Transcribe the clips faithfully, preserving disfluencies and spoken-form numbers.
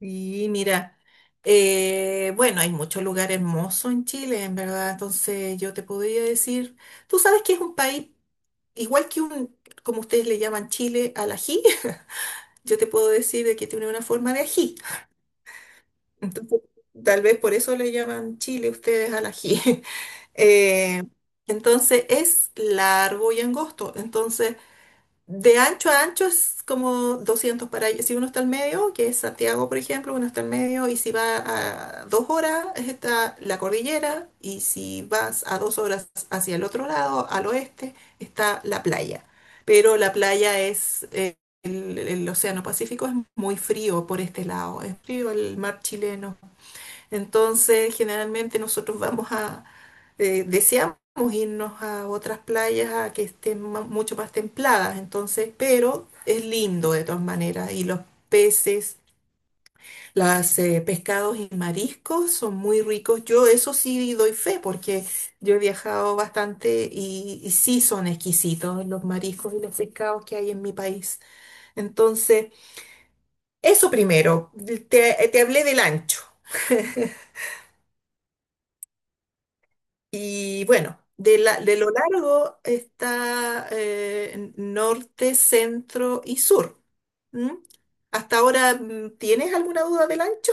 Y mira, eh, bueno, hay muchos lugares hermosos en Chile, en verdad. Entonces yo te podría decir, tú sabes que es un país igual que un, como ustedes le llaman Chile al ají, yo te puedo decir de que tiene una forma de ají. Entonces, tal vez por eso le llaman Chile ustedes al ají. Eh, entonces es largo y angosto. Entonces de ancho a ancho es como doscientos para allá. Si uno está al medio, que es Santiago, por ejemplo, uno está al medio, y si va a dos horas, está la cordillera, y si vas a dos horas hacia el otro lado, al oeste, está la playa. Pero la playa es, eh, el, el océano Pacífico es muy frío por este lado, es frío el mar chileno, entonces, generalmente nosotros vamos a, eh, deseamos irnos a otras playas a que estén ma- mucho más templadas, entonces, pero es lindo de todas maneras y los peces, los pescados y mariscos son muy ricos. Yo eso sí doy fe porque yo he viajado bastante y, y sí son exquisitos los mariscos y los pescados que hay en mi país. Entonces, eso primero, te, te hablé del ancho. Y bueno, de, la- de lo largo está eh, norte, centro y sur. ¿M? ¿Hasta ahora mm, tienes alguna duda del ancho?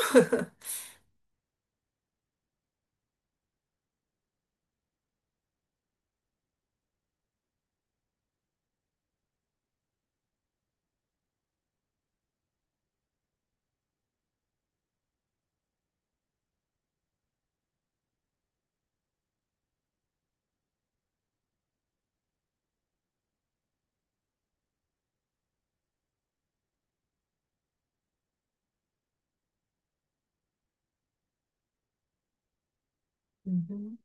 Ujú.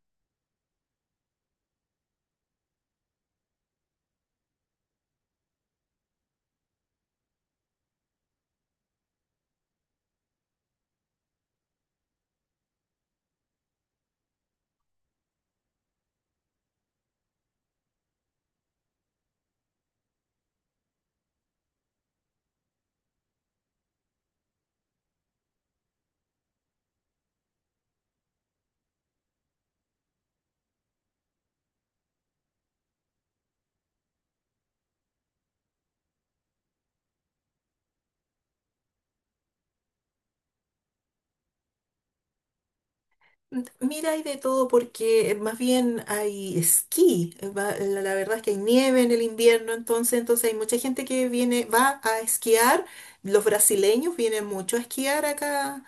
Mira, hay de todo porque eh, más bien hay esquí. eh, va- La la verdad es que hay nieve en el invierno, entonces, entonces hay mucha gente que viene, va a esquiar. Los brasileños vienen mucho a esquiar acá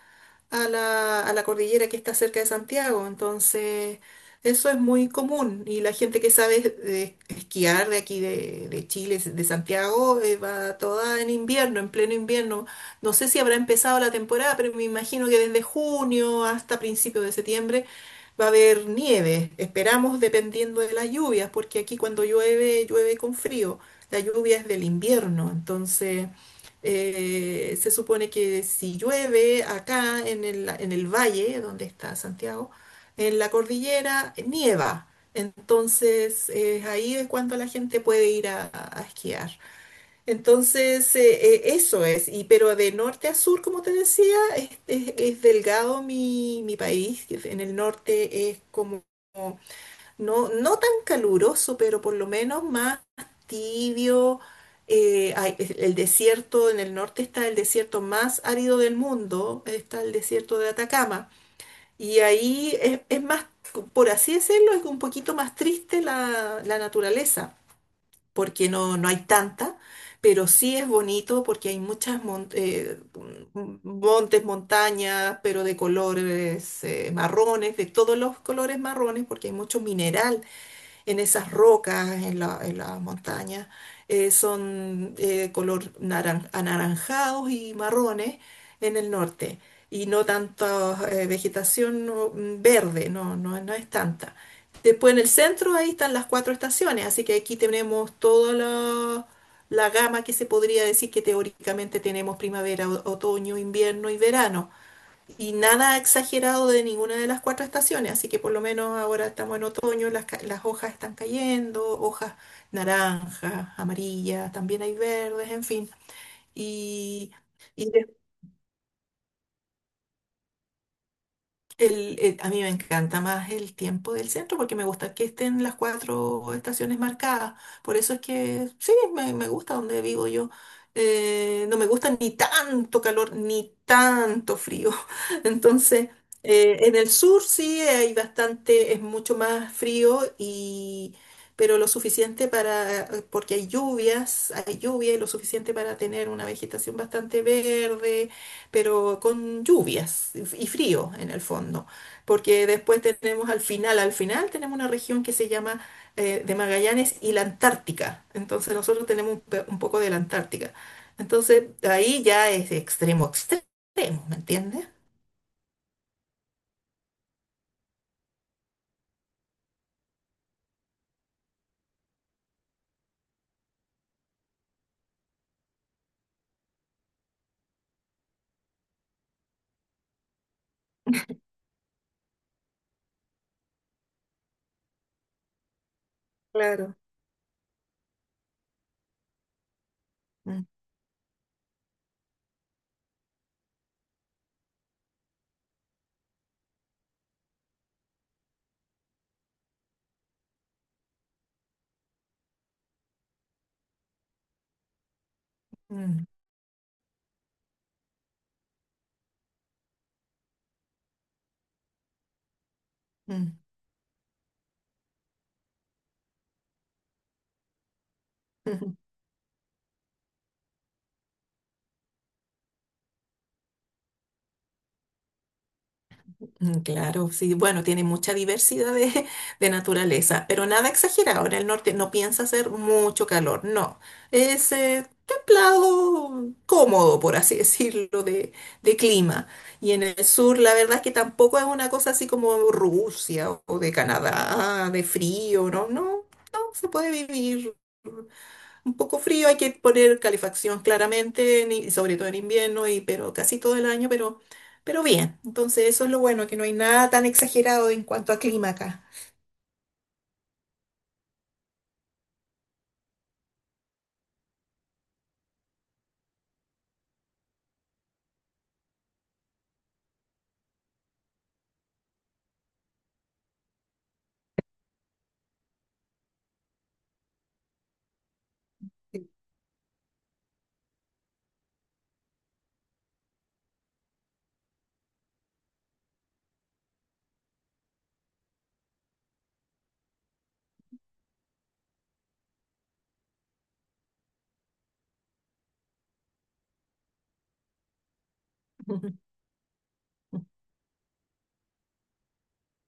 a la, a la cordillera que está cerca de Santiago. Entonces, eso es muy común y la gente que sabe eh, esquiar de aquí de, de Chile, de Santiago, eh, va toda en invierno, en pleno invierno. No sé si habrá empezado la temporada, pero me imagino que desde junio hasta principios de septiembre. Va a haber nieve, esperamos dependiendo de las lluvias, porque aquí cuando llueve, llueve con frío. La lluvia es del invierno, entonces eh, se supone que si llueve acá en el, en el valle donde está Santiago, en la cordillera eh, nieva. Entonces, eh, ahí es cuando la gente puede ir a, a esquiar. Entonces, eh, eh, eso es. Y, pero de norte a sur, como te decía, es, es- es delgado mi, mi país. En el norte es como no, no tan caluroso, pero por lo menos más tibio. Eh, hay- es- el desierto, en el norte está el desierto más árido del mundo, está el desierto de Atacama. Y ahí es, es más, por así decirlo, es un poquito más triste la, la naturaleza, porque no, no hay tanta, pero sí es bonito porque hay muchas mon- eh, m- montes, montañas, pero de colores eh, marrones, de todos los colores marrones, porque hay mucho mineral en esas rocas, en la, en las montañas, eh, son eh, color naran- anaranjados y marrones en el norte. Y no tanta eh, vegetación no, mm, verde, no, no, no es tanta. Después en el centro ahí están las cuatro estaciones, así que aquí tenemos toda la, la gama que se podría decir que teóricamente tenemos primavera, o- otoño, invierno y verano y nada exagerado de ninguna de las cuatro estaciones, así que por lo menos ahora estamos en otoño, las, ca- las hojas están cayendo, hojas naranjas, amarillas, también hay verdes, en fin. Y, y El- el- a mí me encanta más el tiempo del centro porque me gusta que estén las cuatro estaciones marcadas. Por eso es que sí, me, me gusta donde vivo yo. Eh, no me gusta ni tanto calor ni tanto frío. Entonces, eh, en el sur sí hay bastante, es mucho más frío y pero lo suficiente para, porque hay lluvias, hay lluvia y lo suficiente para tener una vegetación bastante verde pero con lluvias y frío en el fondo, porque después tenemos al final, al final tenemos una región que se llama eh, de Magallanes y la Antártica, entonces nosotros tenemos un, pe- un poco de la Antártica, entonces ahí ya es extremo, extremo, ¿me entiendes? Claro. Mm, mm, mm. Mm, claro, sí, bueno, tiene mucha diversidad de, de naturaleza, pero nada exagerado. En el norte no piensa hacer mucho calor, no. Es eh, templado, cómodo, por así decirlo, de, de clima. Y en el sur, la verdad es que tampoco es una cosa así como Rusia o de Canadá, de frío, no, no, no, se puede vivir. Un poco frío, hay que poner calefacción claramente, en i- y sobre todo en invierno, y, pero casi todo el año, pero, pero bien. Entonces, eso es lo bueno, que no hay nada tan exagerado en cuanto a clima acá.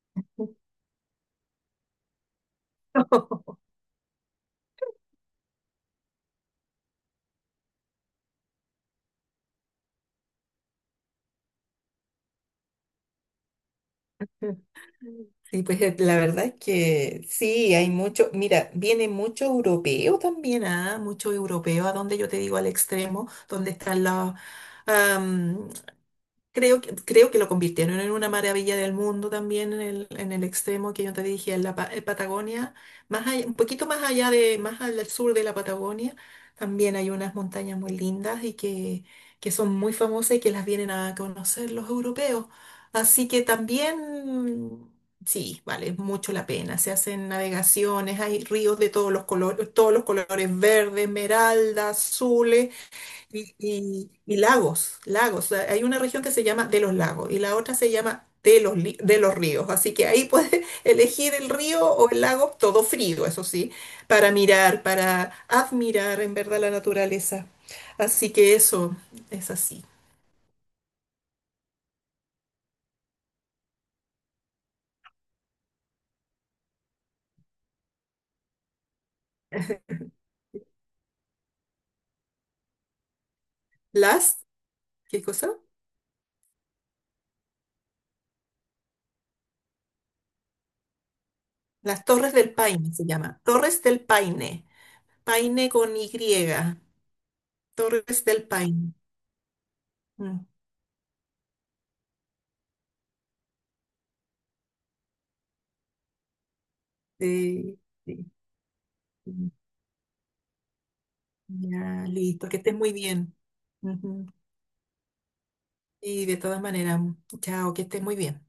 Sí, pues eh, la verdad es que sí, hay mucho, mira, viene mucho europeo también, ¿ah? Mucho europeo, a donde yo te digo al extremo, donde están las. Creo que, creo que lo convirtieron en una maravilla del mundo también en el, en el extremo que yo te dije, en la Pa- en Patagonia, más allá- un poquito más allá de, más al sur de la Patagonia, también hay unas montañas muy lindas y que, que son muy famosas y que las vienen a conocer los europeos. Así que también, sí, vale mucho la pena. Se hacen navegaciones, hay ríos de todos los colores, todos los colores, verde, esmeralda, azul y, y- y lagos, lagos. O sea, hay una región que se llama de los lagos y la otra se llama de los, li- de los ríos. Así que ahí puedes elegir el río o el lago, todo frío, eso sí, para mirar, para admirar en verdad la naturaleza. Así que eso es así. Las, ¿qué cosa? Las Torres del Paine se llama. Torres del Paine. Paine con Y. Torres del Paine. Mm, sí, sí, sí. Ya, listo, que estés muy bien. Ujú. Y de todas maneras, chao, que estés muy bien.